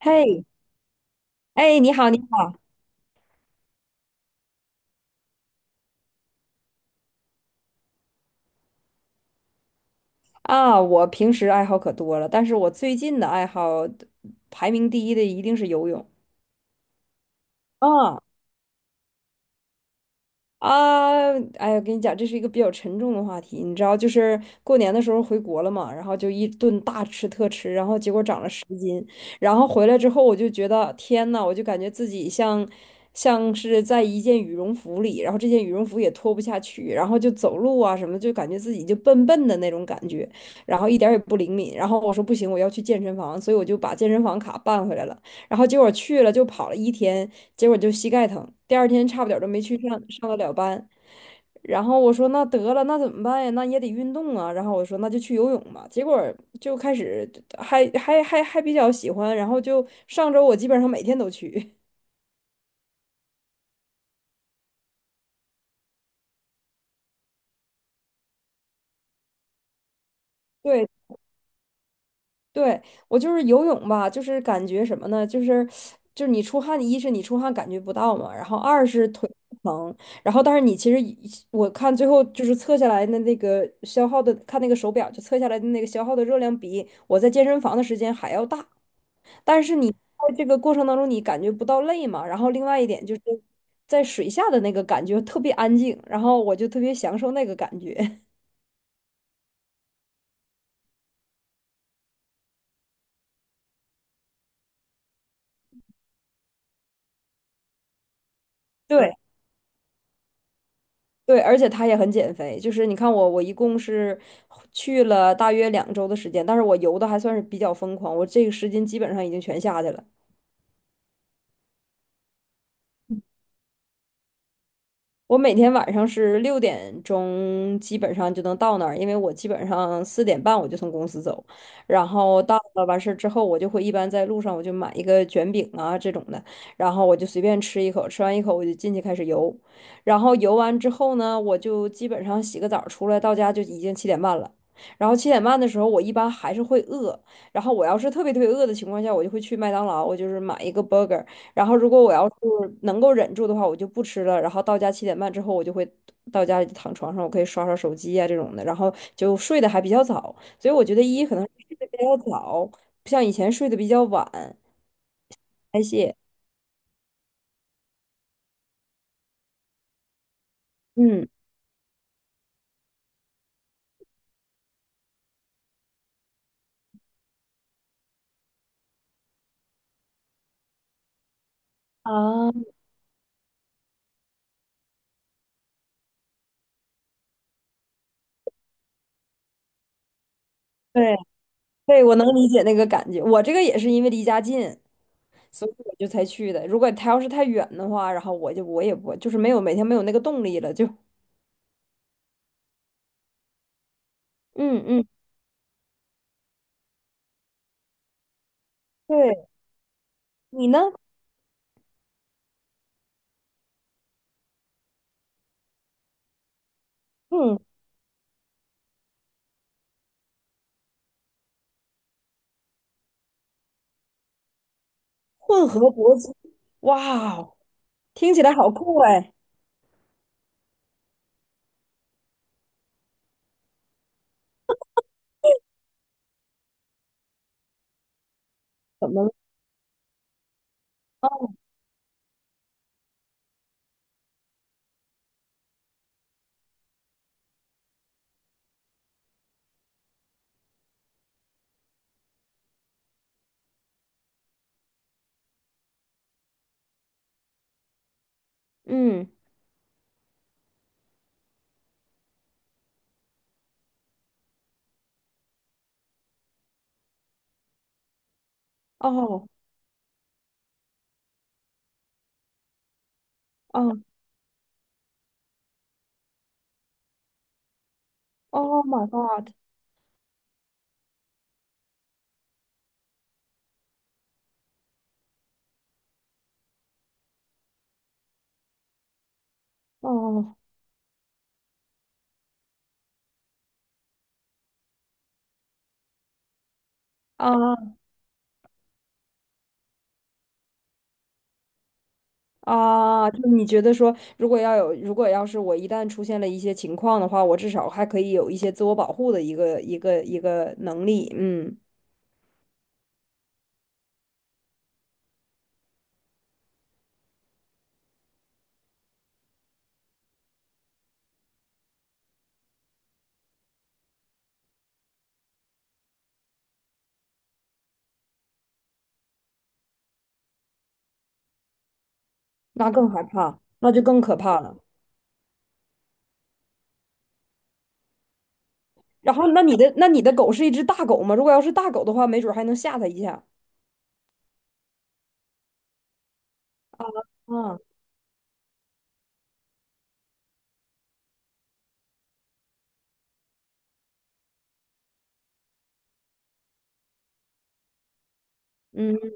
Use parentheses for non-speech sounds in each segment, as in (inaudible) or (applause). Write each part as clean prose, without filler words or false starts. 嘿，哎，你好，你好啊！我平时爱好可多了，但是我最近的爱好排名第一的一定是游泳啊啊！哎呀，跟你讲，这是一个比较沉重的话题，你知道，就是过年的时候回国了嘛，然后就一顿大吃特吃，然后结果长了十。然后回来之后，我就觉得天呐，我就感觉自己像是在一件羽绒服里，然后这件羽绒服也脱不下去，然后就走路啊什么，就感觉自己就笨笨的那种感觉，然后一点儿也不灵敏。然后我说不行，我要去健身房，所以我就把健身房卡办回来了。然后结果去了就跑了一天，结果就膝盖疼，第二天差不点儿都没去上得了班。然后我说那得了，那怎么办呀？那也得运动啊。然后我说那就去游泳吧。结果就开始还比较喜欢，然后就上周我基本上每天都去。(laughs) 对对，我就是游泳吧，就是感觉什么呢？就是你出汗，一是你出汗感觉不到嘛，然后二是腿不疼，然后但是你其实一我看最后就是测下来的那个消耗的，看那个手表就测下来的那个消耗的热量比我在健身房的时间还要大。但是你在这个过程当中，你感觉不到累嘛？然后另外一点就是在水下的那个感觉特别安静，然后我就特别享受那个感觉。(laughs) 对对，而且它也很减肥，就是你看我，我一共是去了大约2周的时间，但是我游的还算是比较疯狂，我这个10斤基本上已经全下去了。我每天晚上是6点钟，基本上就能到那儿，因为我基本上4点半我就从公司走，然后到了完事儿之后，我就会一般在路上我就买一个卷饼啊这种的，然后我就随便吃一口，吃完一口我就进去开始游，然后游完之后呢，我就基本上洗个澡儿出来，到家就已经七点半了。然后七点半的时候，我一般还是会饿。然后我要是特别特别饿的情况下，我就会去麦当劳，我就是买一个 burger，然后如果我要是能够忍住的话，我就不吃了。然后到家七点半之后，我就会到家里躺床上，我可以刷刷手机呀、这种的，然后就睡得还比较早。所以我觉得一可能是睡得比较早，不像以前睡得比较晚代谢。嗯，啊，对对，我能理解那个感觉。我这个也是因为离家近，所以我就才去的。如果他要是太远的话，然后我也不就是没有那个动力了，就嗯嗯，对你呢？嗯，混合搏击，哇哦听起来好酷哎！怎么了？嗯，哦，哦，哦，Oh，My God，哦，啊啊！就是你觉得说，如果要有，如果要是我一旦出现了一些情况的话，我至少还可以有一些自我保护的一个能力。嗯，那更害怕，那就更可怕了。然后，那你的狗是一只大狗吗？如果要是大狗的话，没准儿还能吓它一下。啊，嗯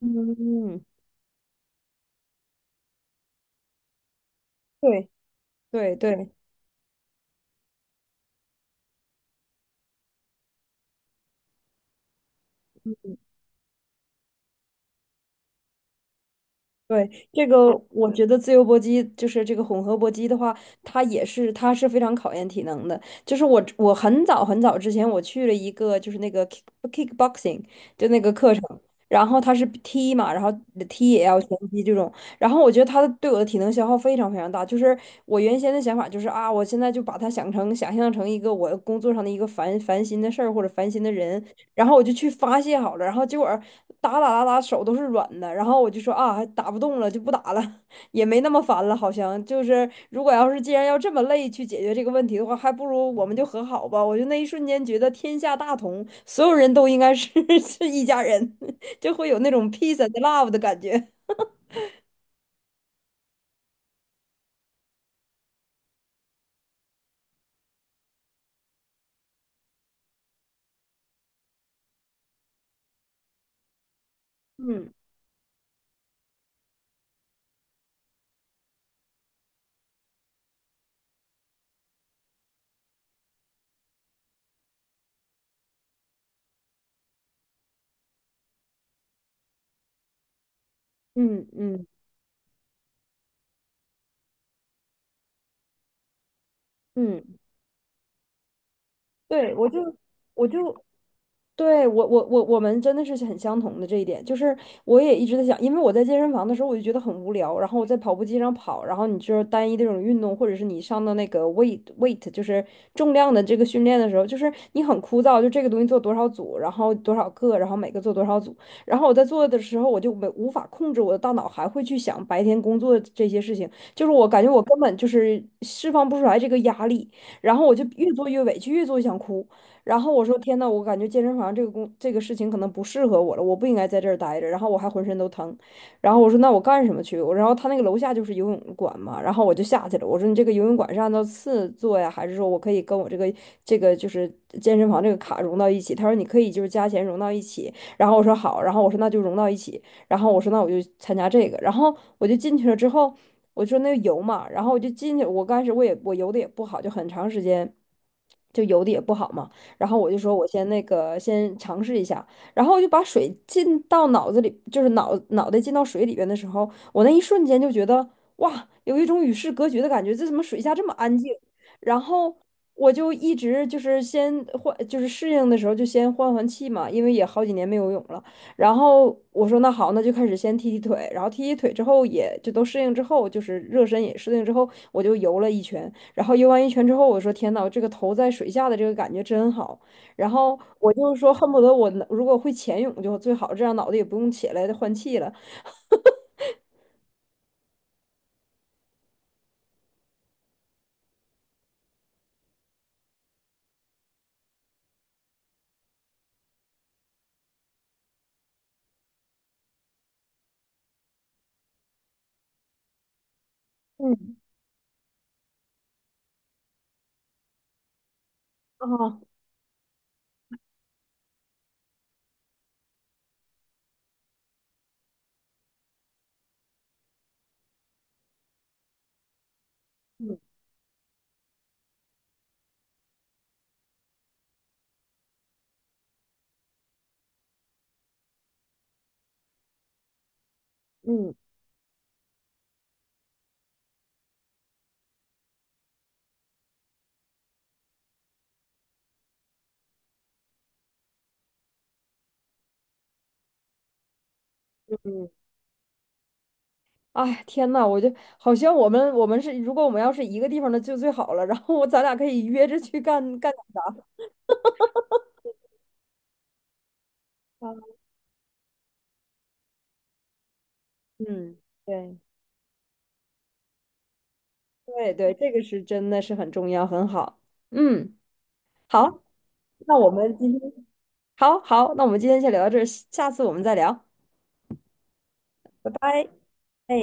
嗯嗯，对对对。对，这个我觉得自由搏击就是这个混合搏击的话，它是非常考验体能的。就是我很早很早之前我去了一个就是那个 kickboxing 就那个课程，然后它是踢嘛，然后踢也要拳击这种，然后我觉得它对我的体能消耗非常非常大。就是我原先的想法就是啊，我现在就把它想象成一个我工作上的一个烦心的事儿或者烦心的人，然后我就去发泄好了，然后结果打手都是软的，然后我就说啊，打不动了就不打了，(laughs) 也没那么烦了，好像就是如果要是既然要这么累去解决这个问题的话，还不如我们就和好吧。我就那一瞬间觉得天下大同，所有人都应该是 (laughs) 是一家人，(laughs) 就会有那种 peace and love 的感觉。嗯嗯嗯嗯，对，我就我就。对，我们真的是很相同的这一点，就是我也一直在想，因为我在健身房的时候我就觉得很无聊，然后我在跑步机上跑，然后你就是单一的这种运动，或者是你上到那个 weight 就是重量的这个训练的时候，就是你很枯燥，就这个东西做多少组，然后多少个，然后每个做多少组，然后我在做的时候我就没无法控制我的大脑还会去想白天工作的这些事情，就是我感觉我根本就是释放不出来这个压力，然后我就越做越委屈，越做越想哭。然后我说天呐，我感觉健身房这个工这个事情可能不适合我了，我不应该在这儿待着。然后我还浑身都疼，然后我说那我干什么去？然后他那个楼下就是游泳馆嘛，然后我就下去了。我说你这个游泳馆是按照次做呀，还是说我可以跟我这个就是健身房这个卡融到一起？他说你可以就是加钱融到一起。然后我说好，然后我说那就融到一起。然后我说那我就参加这个，然后我就进去了之后，我说那个游嘛，然后我就进去，我刚开始我游的也不好，就很长时间就游的也不好嘛。然后我就说我先那个先尝试一下，然后我就把水进到脑子里，就是脑袋进到水里边的时候，我那一瞬间就觉得哇，有一种与世隔绝的感觉，这怎么水下这么安静？然后我就一直就是先换，就是适应的时候就先换换气嘛，因为也好几年没游泳了。然后我说那好，那就开始先踢踢腿，然后踢踢腿之后也就都适应之后，就是热身也适应之后，我就游了一圈。然后游完一圈之后，我说天呐，这个头在水下的这个感觉真好。然后我就说恨不得我能如果会潜泳就最好，这样脑袋也不用起来换气了。嗯啊，嗯嗯嗯，哎，天呐，我就好像我们是如果我们要是一个地方的就最好了。然后我咱俩可以约着去干点啥。嗯，对，对对，这个是真的是很重要，很好。嗯，好，那我们今天好好，那我们今天先聊到这儿，下次我们再聊，拜拜。哎。